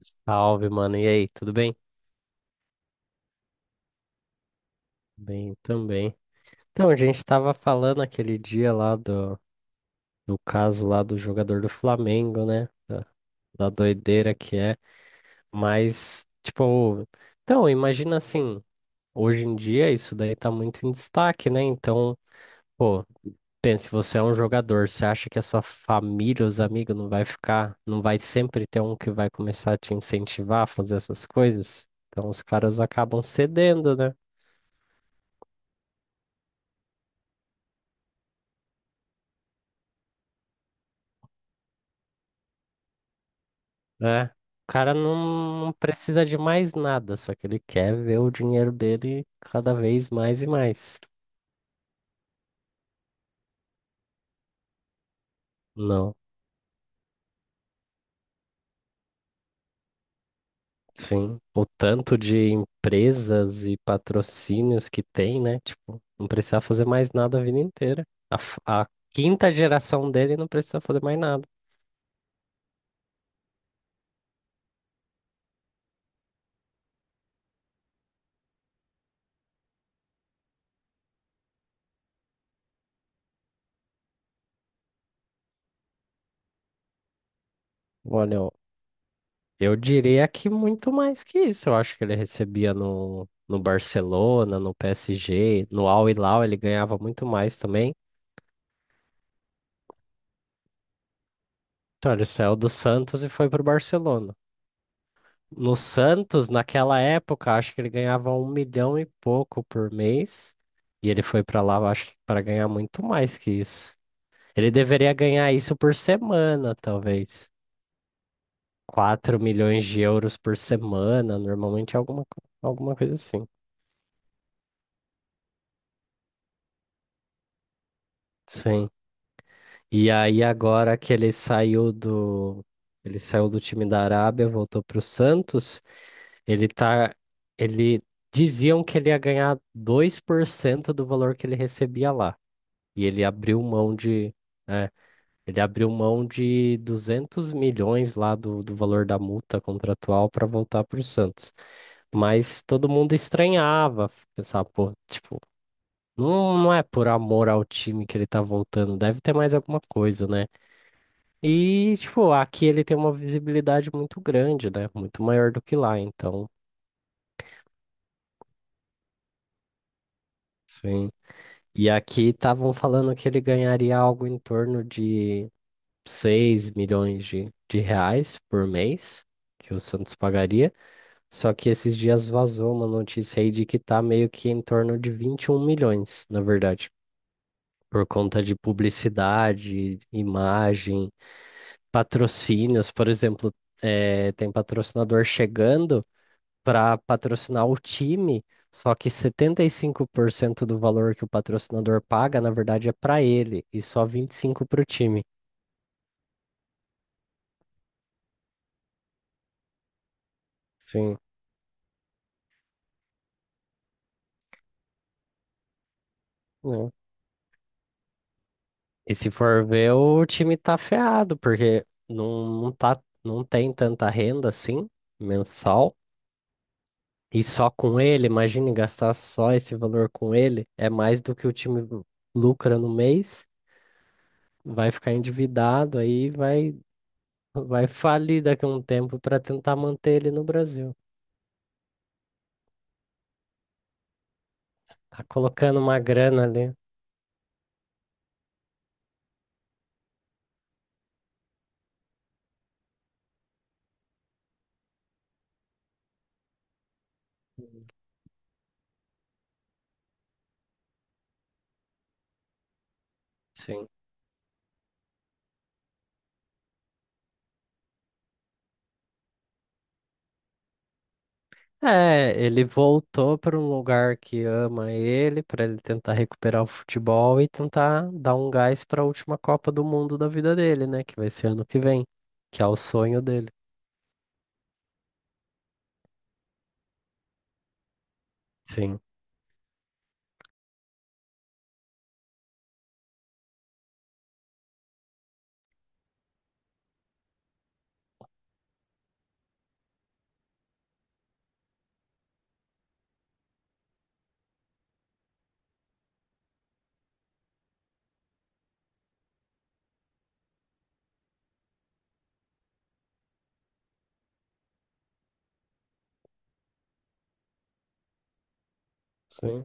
Salve, mano. E aí, tudo bem? Bem também. Então, a gente tava falando aquele dia lá do caso lá do jogador do Flamengo, né? Da doideira que é. Mas, tipo, então, imagina assim, hoje em dia isso daí tá muito em destaque, né? Então, pô, pense, você é um jogador, você acha que a sua família, os amigos, não vai sempre ter um que vai começar a te incentivar a fazer essas coisas? Então, os caras acabam cedendo, né? É. O cara não precisa de mais nada, só que ele quer ver o dinheiro dele cada vez mais e mais. Não, sim. O tanto de empresas e patrocínios que tem, né? Tipo, não precisa fazer mais nada a vida inteira. A quinta geração dele não precisa fazer mais nada. Olha, eu diria que muito mais que isso. Eu acho que ele recebia no Barcelona, no PSG, no Al Hilal, ele ganhava muito mais também. Então, ele saiu do Santos e foi pro Barcelona. No Santos, naquela época, acho que ele ganhava 1 milhão e pouco por mês. E ele foi pra lá, eu acho que para ganhar muito mais que isso. Ele deveria ganhar isso por semana, talvez. Quatro milhões de euros por semana, normalmente alguma coisa assim. Sim. E aí agora que ele saiu do time da Arábia, voltou pro Santos. Ele tá. Ele diziam que ele ia ganhar 2% do valor que ele recebia lá. E ele abriu mão de. É, ele abriu mão de 200 milhões lá do valor da multa contratual para voltar para o Santos. Mas todo mundo estranhava, pensava, pô, tipo, não é por amor ao time que ele tá voltando, deve ter mais alguma coisa, né? E, tipo, aqui ele tem uma visibilidade muito grande, né? Muito maior do que lá, então. Sim. E aqui estavam falando que ele ganharia algo em torno de 6 milhões de reais por mês, que o Santos pagaria. Só que esses dias vazou uma notícia aí de que tá meio que em torno de 21 milhões, na verdade, por conta de publicidade, imagem, patrocínios, por exemplo, tem patrocinador chegando para patrocinar o time, só que 75% do valor que o patrocinador paga, na verdade, é para ele e só 25% para o time. Sim, né? E se for ver, o time tá ferrado, porque não, não tá, não tem tanta renda assim, mensal. E só com ele, imagine gastar só esse valor com ele, é mais do que o time lucra no mês, vai ficar endividado, aí vai falir daqui a um tempo para tentar manter ele no Brasil. Tá colocando uma grana ali. Sim. É, ele voltou para um lugar que ama ele, para ele tentar recuperar o futebol e tentar dar um gás para a última Copa do Mundo da vida dele, né? Que vai ser ano que vem, que é o sonho dele. Sim. Sim.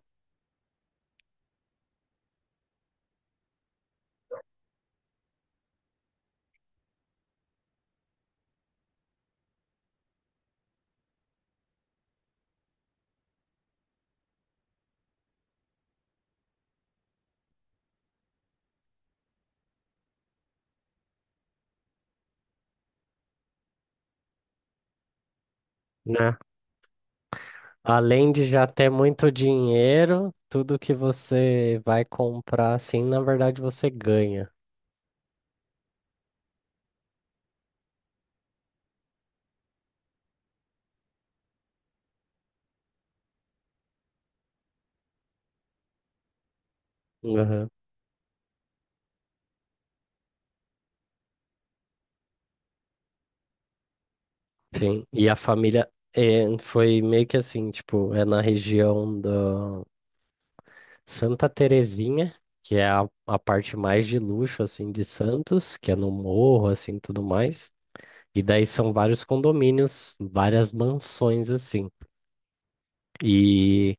Né? Além de já ter muito dinheiro, tudo que você vai comprar, assim, na verdade você ganha. Aham. Sim. E a família é, foi meio que assim, tipo, é na região da Santa Terezinha, que é a parte mais de luxo assim de Santos, que é no morro assim, tudo mais. E daí são vários condomínios, várias mansões assim. E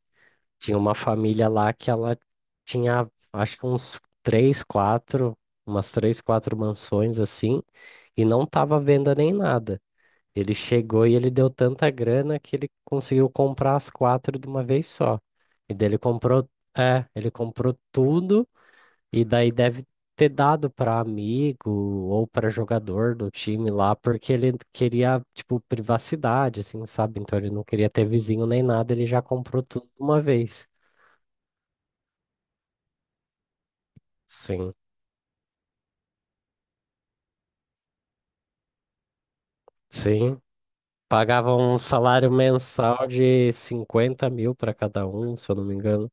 tinha uma família lá que ela tinha, acho que umas três, quatro mansões assim, e não tava à venda nem nada. Ele chegou e ele deu tanta grana que ele conseguiu comprar as quatro de uma vez só. E daí ele comprou tudo e daí deve ter dado para amigo ou para jogador do time lá, porque ele queria, tipo, privacidade, assim, sabe? Então ele não queria ter vizinho nem nada, ele já comprou tudo de uma vez. Sim, sim. Pagava um salário mensal de 50 mil para cada um, se eu não me engano.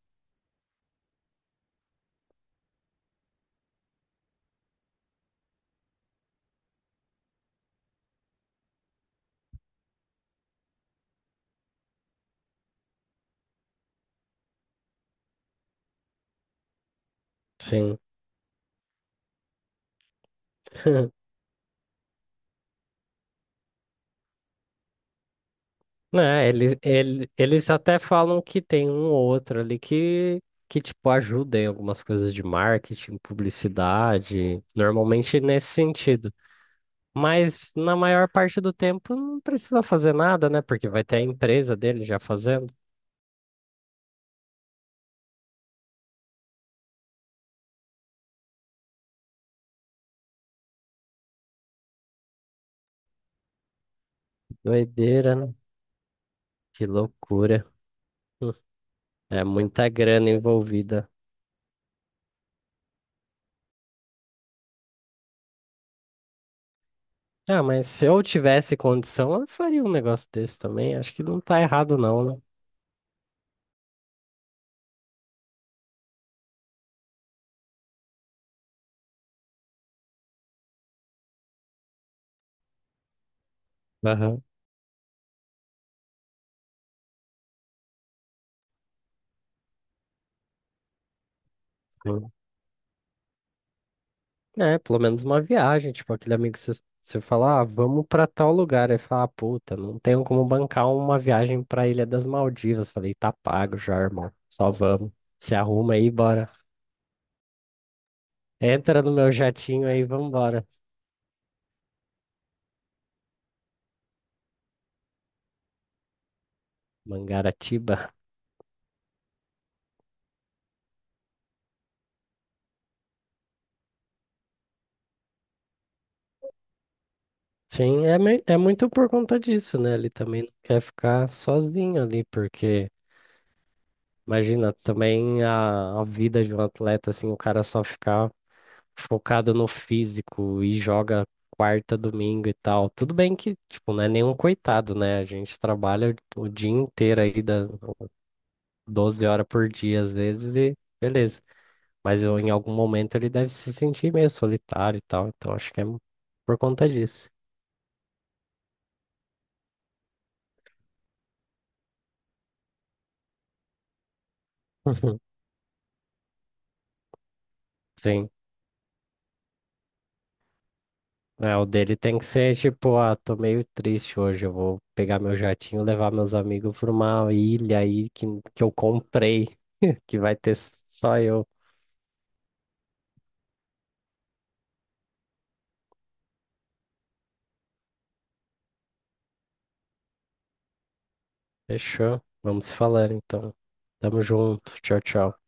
Sim. Né, eles até falam que tem um ou outro ali que tipo, ajuda em algumas coisas de marketing, publicidade, normalmente nesse sentido. Mas na maior parte do tempo não precisa fazer nada, né? Porque vai ter a empresa dele já fazendo. Doideira, né? Que loucura. Hum, É muita grana envolvida. Ah, mas se eu tivesse condição, eu faria um negócio desse também. Acho que não tá errado, não, né? Aham, sim. É, pelo menos uma viagem, tipo, aquele amigo que você fala, ah, vamos pra tal lugar. Ele fala, ah, puta, não tenho como bancar uma viagem pra Ilha das Maldivas. Falei, tá pago já, irmão. Só vamos. Se arruma aí, bora. Entra no meu jatinho aí, vambora. Mangaratiba. Sim, é muito por conta disso, né? Ele também não quer ficar sozinho ali, porque imagina também a vida de um atleta, assim, o cara só ficar focado no físico e joga quarta, domingo e tal. Tudo bem que, tipo, não é nenhum coitado, né? A gente trabalha o dia inteiro aí, 12 horas por dia às vezes, e beleza. Mas eu, em algum momento ele deve se sentir meio solitário e tal, então acho que é por conta disso. Sim. É, o dele tem que ser tipo, ah, tô meio triste hoje, eu vou pegar meu jatinho, levar meus amigos pra uma ilha aí que eu comprei, que vai ter só eu. Fechou? Vamos se falando então. Tamo junto. Tchau, tchau.